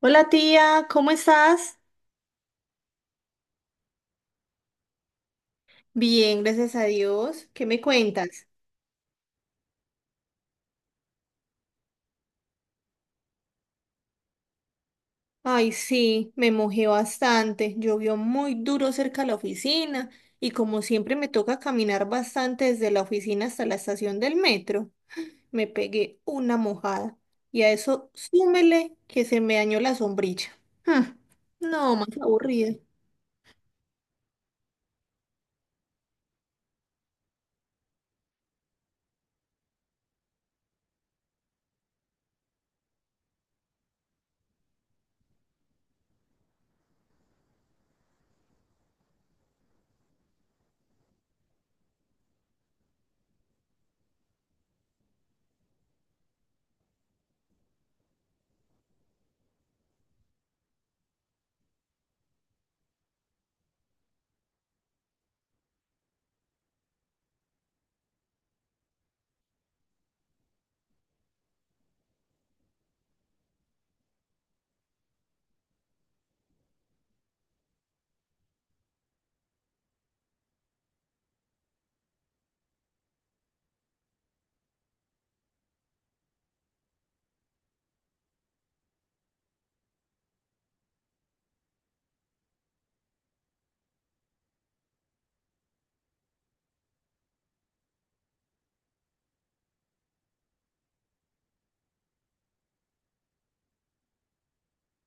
Hola tía, ¿cómo estás? Bien, gracias a Dios. ¿Qué me cuentas? Ay, sí, me mojé bastante. Llovió muy duro cerca de la oficina y como siempre me toca caminar bastante desde la oficina hasta la estación del metro. Me pegué una mojada y a eso súmele que se me dañó la sombrilla. Mm, no, más aburrido.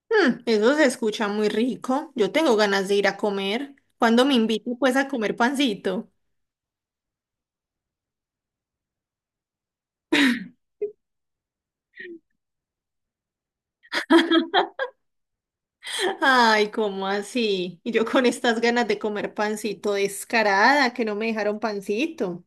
Mm, eso se escucha muy rico. Yo tengo ganas de ir a comer. ¿Cuándo me invito pues a comer pancito? Ay, ¿cómo así? Y yo con estas ganas de comer pancito descarada, que no me dejaron pancito.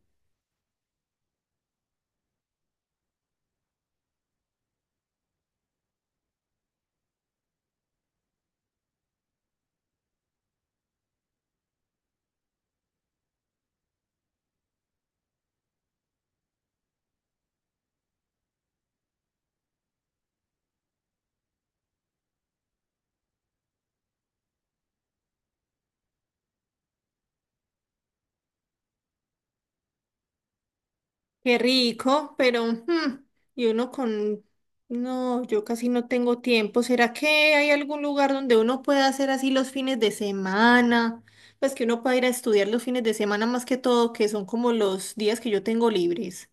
Qué rico, pero y uno con... No, yo casi no tengo tiempo. ¿Será que hay algún lugar donde uno pueda hacer así los fines de semana? Pues que uno pueda ir a estudiar los fines de semana más que todo, que son como los días que yo tengo libres.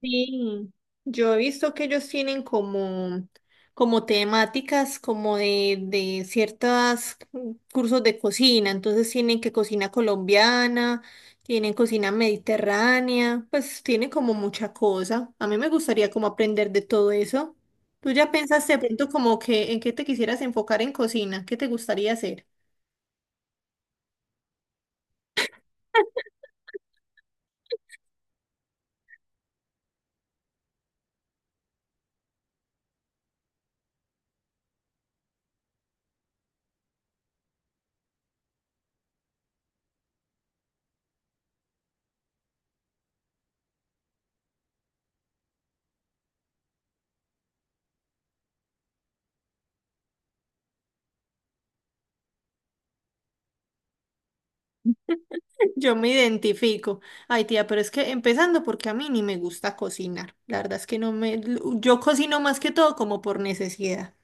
Sí, yo he visto que ellos tienen como, como temáticas, como de ciertos cursos de cocina, entonces tienen que cocina colombiana, tienen cocina mediterránea, pues tienen como mucha cosa. A mí me gustaría como aprender de todo eso. ¿Tú ya pensaste de pronto como que en qué te quisieras enfocar en cocina? ¿Qué te gustaría hacer? Yo me identifico. Ay, tía, pero es que empezando porque a mí ni me gusta cocinar. La verdad es que no me... Yo cocino más que todo como por necesidad.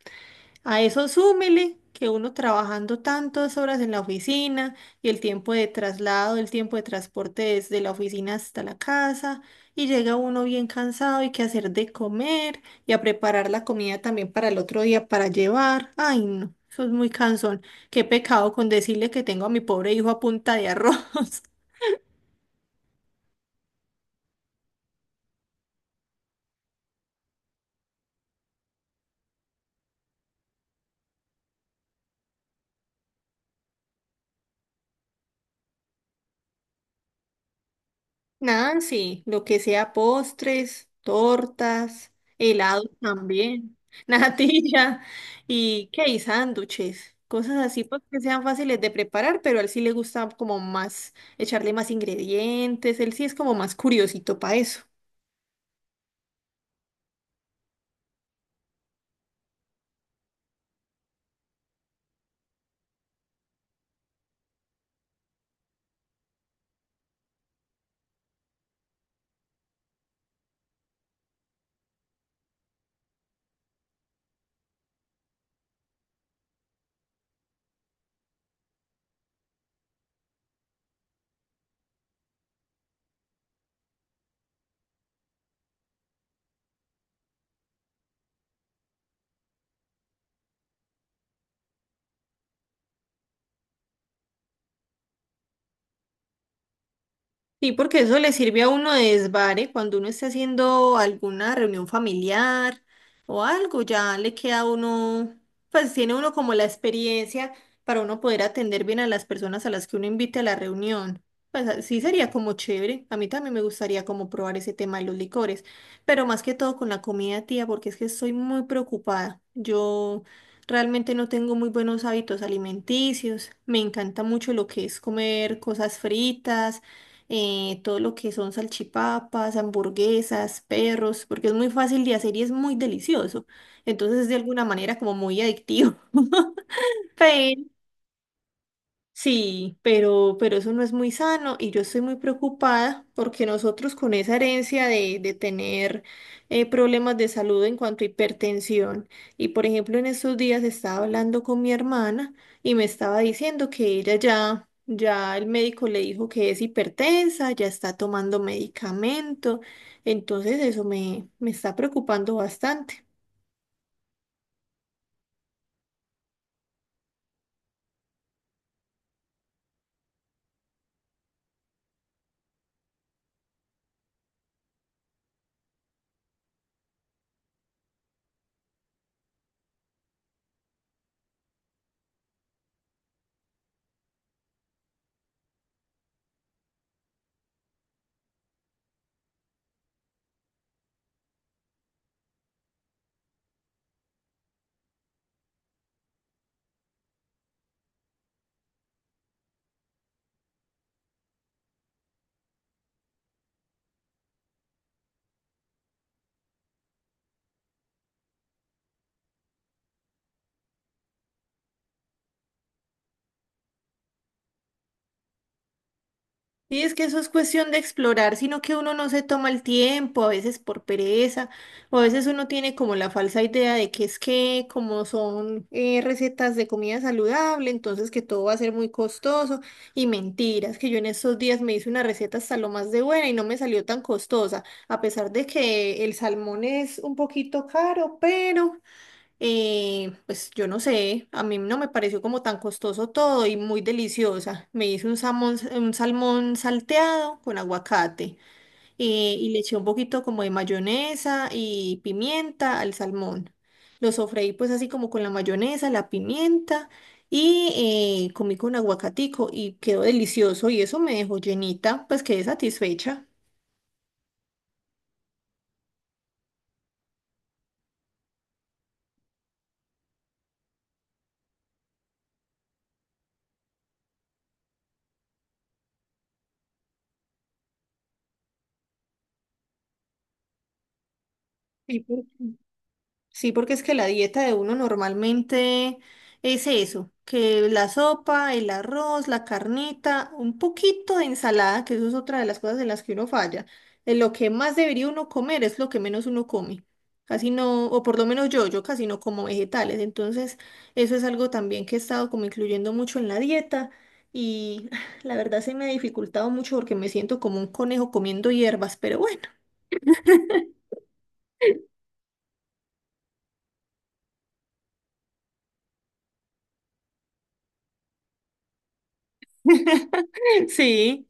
A eso súmele que uno trabajando tantas horas en la oficina y el tiempo de traslado, el tiempo de transporte desde la oficina hasta la casa y llega uno bien cansado y que hacer de comer y a preparar la comida también para el otro día para llevar. Ay, no, eso es muy cansón. Qué pecado con decirle que tengo a mi pobre hijo a punta de arroz. Nancy, lo que sea postres, tortas, helados también, natilla y qué y sándwiches, cosas así pues que sean fáciles de preparar, pero a él sí le gusta como más echarle más ingredientes, él sí es como más curiosito para eso. Sí, porque eso le sirve a uno de desvare cuando uno esté haciendo alguna reunión familiar o algo, ya le queda a uno, pues tiene uno como la experiencia para uno poder atender bien a las personas a las que uno invite a la reunión. Pues sí sería como chévere, a mí también me gustaría como probar ese tema de los licores, pero más que todo con la comida, tía, porque es que estoy muy preocupada. Yo realmente no tengo muy buenos hábitos alimenticios, me encanta mucho lo que es comer cosas fritas todo lo que son salchipapas, hamburguesas, perros, porque es muy fácil de hacer y es muy delicioso. Entonces es de alguna manera como muy adictivo. Sí, pero eso no es muy sano y yo estoy muy preocupada porque nosotros con esa herencia de tener problemas de salud en cuanto a hipertensión y por ejemplo en estos días estaba hablando con mi hermana y me estaba diciendo que ya el médico le dijo que es hipertensa, ya está tomando medicamento, entonces eso me está preocupando bastante. Sí, es que eso es cuestión de explorar, sino que uno no se toma el tiempo, a veces por pereza, o a veces uno tiene como la falsa idea de que es que como son recetas de comida saludable, entonces que todo va a ser muy costoso y mentiras, que yo en estos días me hice una receta hasta lo más de buena y no me salió tan costosa, a pesar de que el salmón es un poquito caro, pero... Pues yo no sé, a mí no me pareció como tan costoso todo y muy deliciosa. Me hice un salmón salteado con aguacate y le eché un poquito como de mayonesa y pimienta al salmón. Lo sofreí pues así como con la mayonesa, la pimienta y comí con aguacatico y quedó delicioso y eso me dejó llenita, pues quedé satisfecha. Sí. Sí, porque es que la dieta de uno normalmente es eso, que la sopa, el arroz, la carnita, un poquito de ensalada, que eso es otra de las cosas en las que uno falla. En lo que más debería uno comer es lo que menos uno come. Casi no, o por lo menos yo casi no como vegetales. Entonces, eso es algo también que he estado como incluyendo mucho en la dieta y la verdad se me ha dificultado mucho porque me siento como un conejo comiendo hierbas, pero bueno, sí,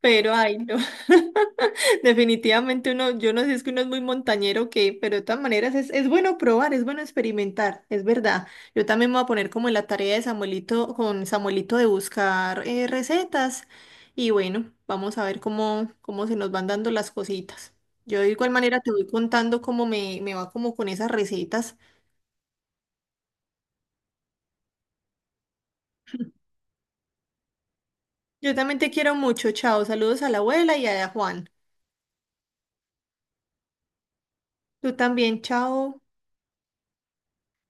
pero ay, no. Definitivamente uno, yo no sé, es que uno es muy montañero que, pero de todas maneras es bueno probar, es bueno experimentar, es verdad. Yo también me voy a poner como en la tarea de Samuelito, con Samuelito de buscar recetas y bueno, vamos a ver cómo, cómo se nos van dando las cositas. Yo de igual manera te voy contando cómo me va como con esas recetas. Yo también te quiero mucho, chao, saludos a la abuela y a Juan. Tú también, chao.